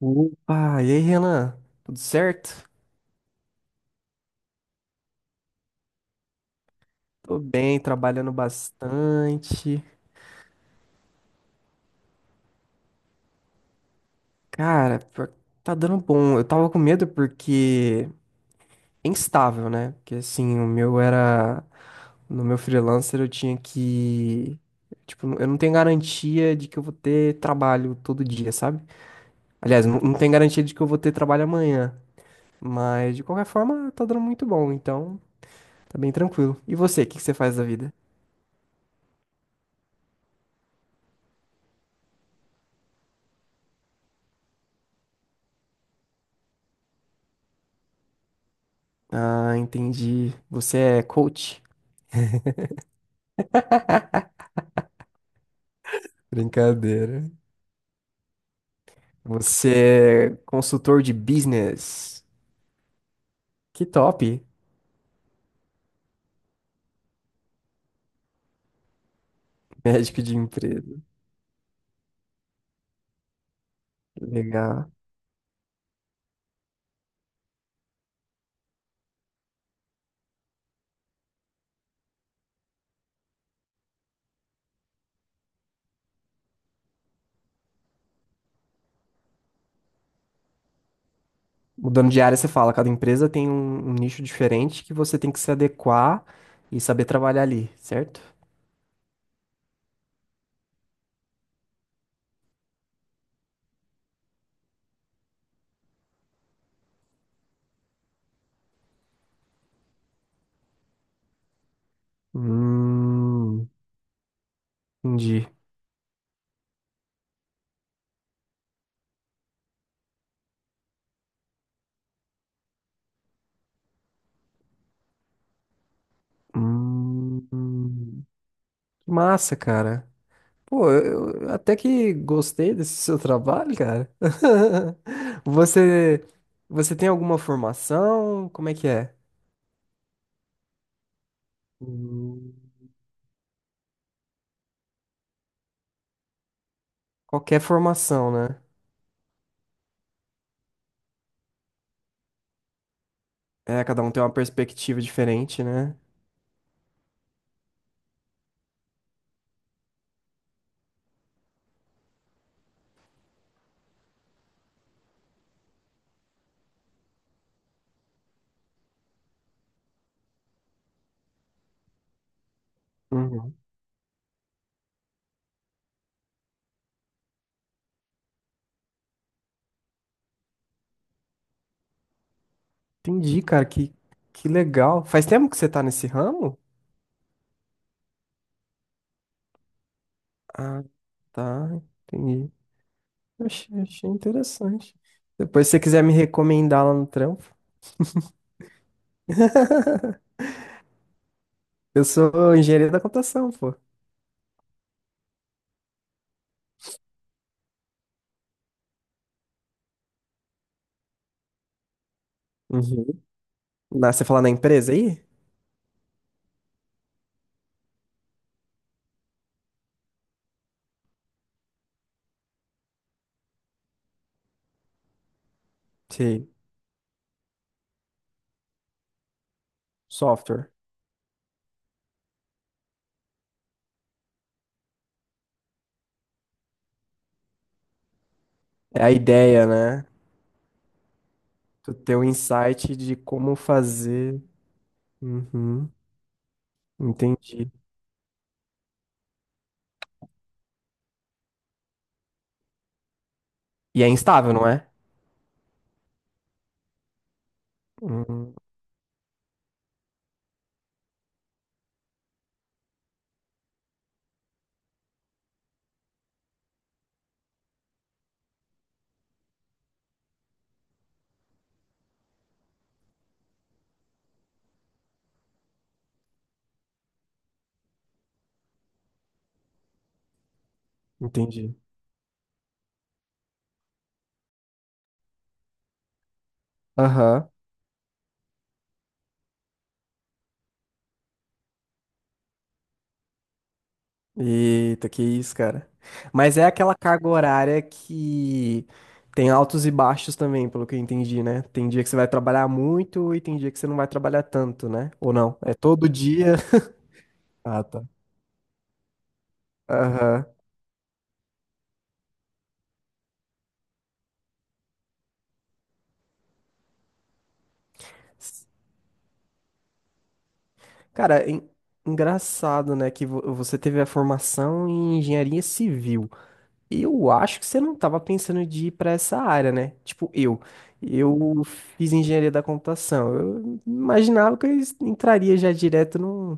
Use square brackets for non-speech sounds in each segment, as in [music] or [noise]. Opa, e aí, Renan? Tudo certo? Tô bem, trabalhando bastante. Cara, pior que tá dando bom. Eu tava com medo porque é instável, né? Porque assim, o meu era. No meu freelancer eu tinha que. Tipo, eu não tenho garantia de que eu vou ter trabalho todo dia, sabe? Aliás, não tenho garantia de que eu vou ter trabalho amanhã. Mas de qualquer forma, tá dando muito bom, então tá bem tranquilo. E você, o que que você faz da vida? Ah, entendi. Você é coach? Brincadeira. Você é consultor de business. Que top. [laughs] Médico de empresa. Legal. Mudando de área, você fala, cada empresa tem um nicho diferente que você tem que se adequar e saber trabalhar ali, certo? Hum, entendi. Hum, que massa, cara. Pô, eu até que gostei desse [laughs] seu trabalho, cara. [laughs] Você, você tem alguma formação? Como é que é? Hum. Qualquer formação, né? É, cada um tem uma perspectiva diferente, né? Uhum. Entendi, cara, que legal. Faz tempo que você tá nesse ramo? Ah, tá, entendi. Achei interessante. Depois, se você quiser me recomendar lá no trampo, [laughs] eu sou engenheiro da computação, pô. Uhum. Na, você fala na empresa aí? Sim. Software. É a ideia, né? Tu ter um insight de como fazer. Uhum. Entendi. E é instável, não é? Uhum. Entendi. Aham. Eita, que isso, cara. Mas é aquela carga horária que tem altos e baixos também, pelo que eu entendi, né? Tem dia que você vai trabalhar muito e tem dia que você não vai trabalhar tanto, né? Ou não? É todo dia. [laughs] Ah, tá. Aham. S- Cara, engraçado, né? Que você teve a formação em engenharia civil. Eu acho que você não estava pensando de ir para essa área, né? Tipo, eu. Eu fiz engenharia da computação. Eu imaginava que eu entraria já direto num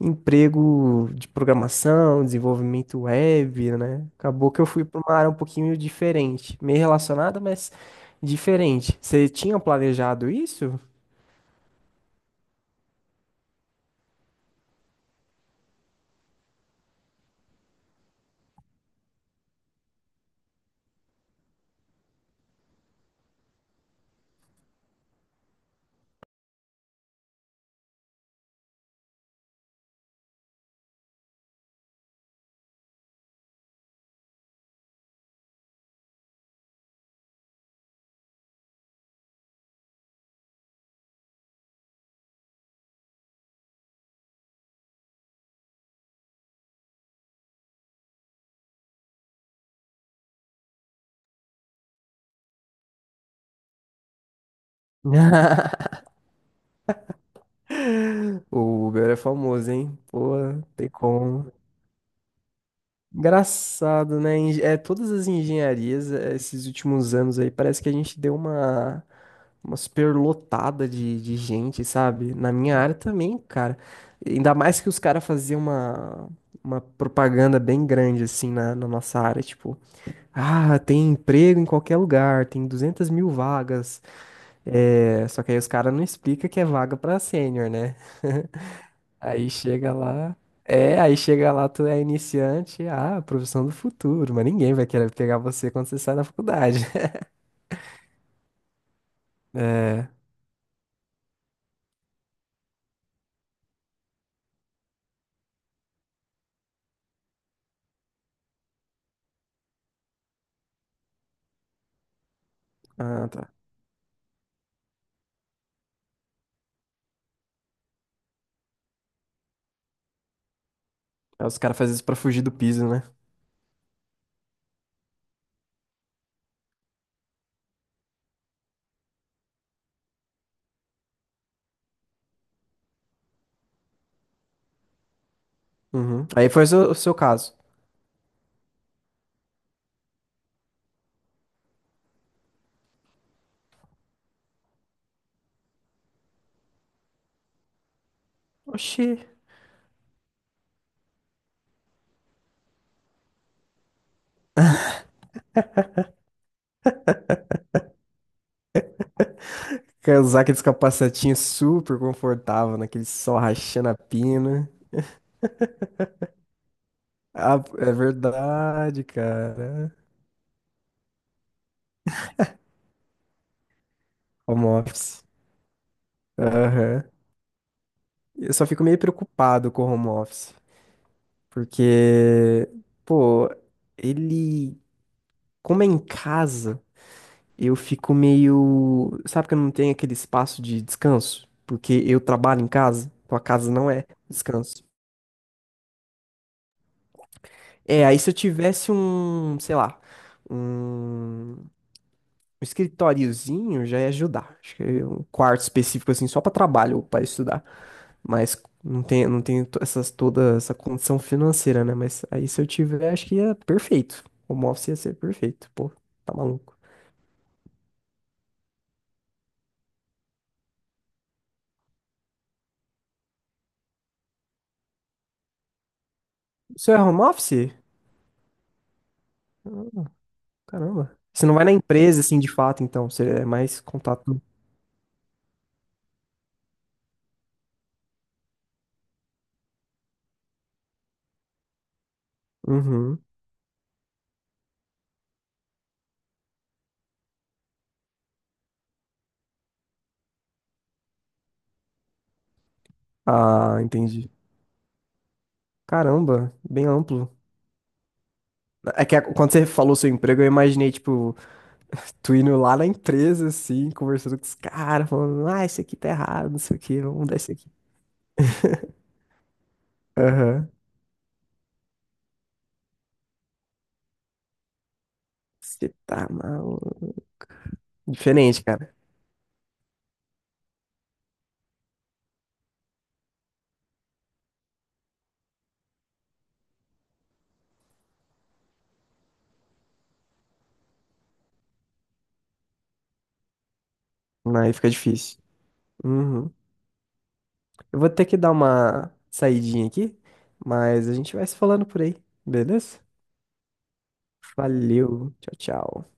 emprego de programação, desenvolvimento web, né? Acabou que eu fui para uma área um pouquinho diferente, meio relacionada, mas diferente. Você tinha planejado isso? [laughs] O Uber é famoso, hein? Pô, tem como. Engraçado, né? É, todas as engenharias, é, esses últimos anos aí, parece que a gente deu uma superlotada de gente, sabe? Na minha área também, cara. Ainda mais que os caras faziam uma propaganda bem grande, assim, na nossa área. Tipo, ah, tem emprego em qualquer lugar, tem 200 mil vagas. É, só que aí os caras não explicam que é vaga pra sênior, né? [laughs] Aí chega lá. É, aí chega lá, tu é iniciante, ah, profissão do futuro, mas ninguém vai querer pegar você quando você sai da faculdade. [laughs] É. Ah, tá. Aí Os caras fazem isso pra fugir do piso, né? Uhum. Aí foi o seu caso. Oxi. Quer usar aqueles capacetinhos super confortável, naquele sol rachando a pina. Ah, é verdade, cara. Home office. Aham. Eu só fico meio preocupado com o home office. Porque, pô, ele. Como é em casa, eu fico meio. Sabe que eu não tenho aquele espaço de descanso? Porque eu trabalho em casa, então a casa não é descanso. É, aí se eu tivesse um, sei lá, um um escritóriozinho já ia ajudar. Acho que um quarto específico assim só para trabalho ou para estudar, mas não tem, essas toda essa condição financeira, né? Mas aí se eu tiver, acho que ia perfeito. Home office ia ser perfeito. Pô, tá maluco. O seu é home office? Caramba. Você não vai na empresa, assim, de fato, então. Você é mais contato. Uhum. Ah, entendi. Caramba, bem amplo. É que quando você falou seu emprego, eu imaginei, tipo, [laughs] tu indo lá na empresa, assim, conversando com os caras, falando, ah, isso aqui tá errado, não sei o quê, vamos mudar isso aqui. Aham. Você tá maluco. Diferente, cara. Aí fica difícil. Uhum. Eu vou ter que dar uma saidinha aqui, mas a gente vai se falando por aí, beleza? Valeu, tchau, tchau.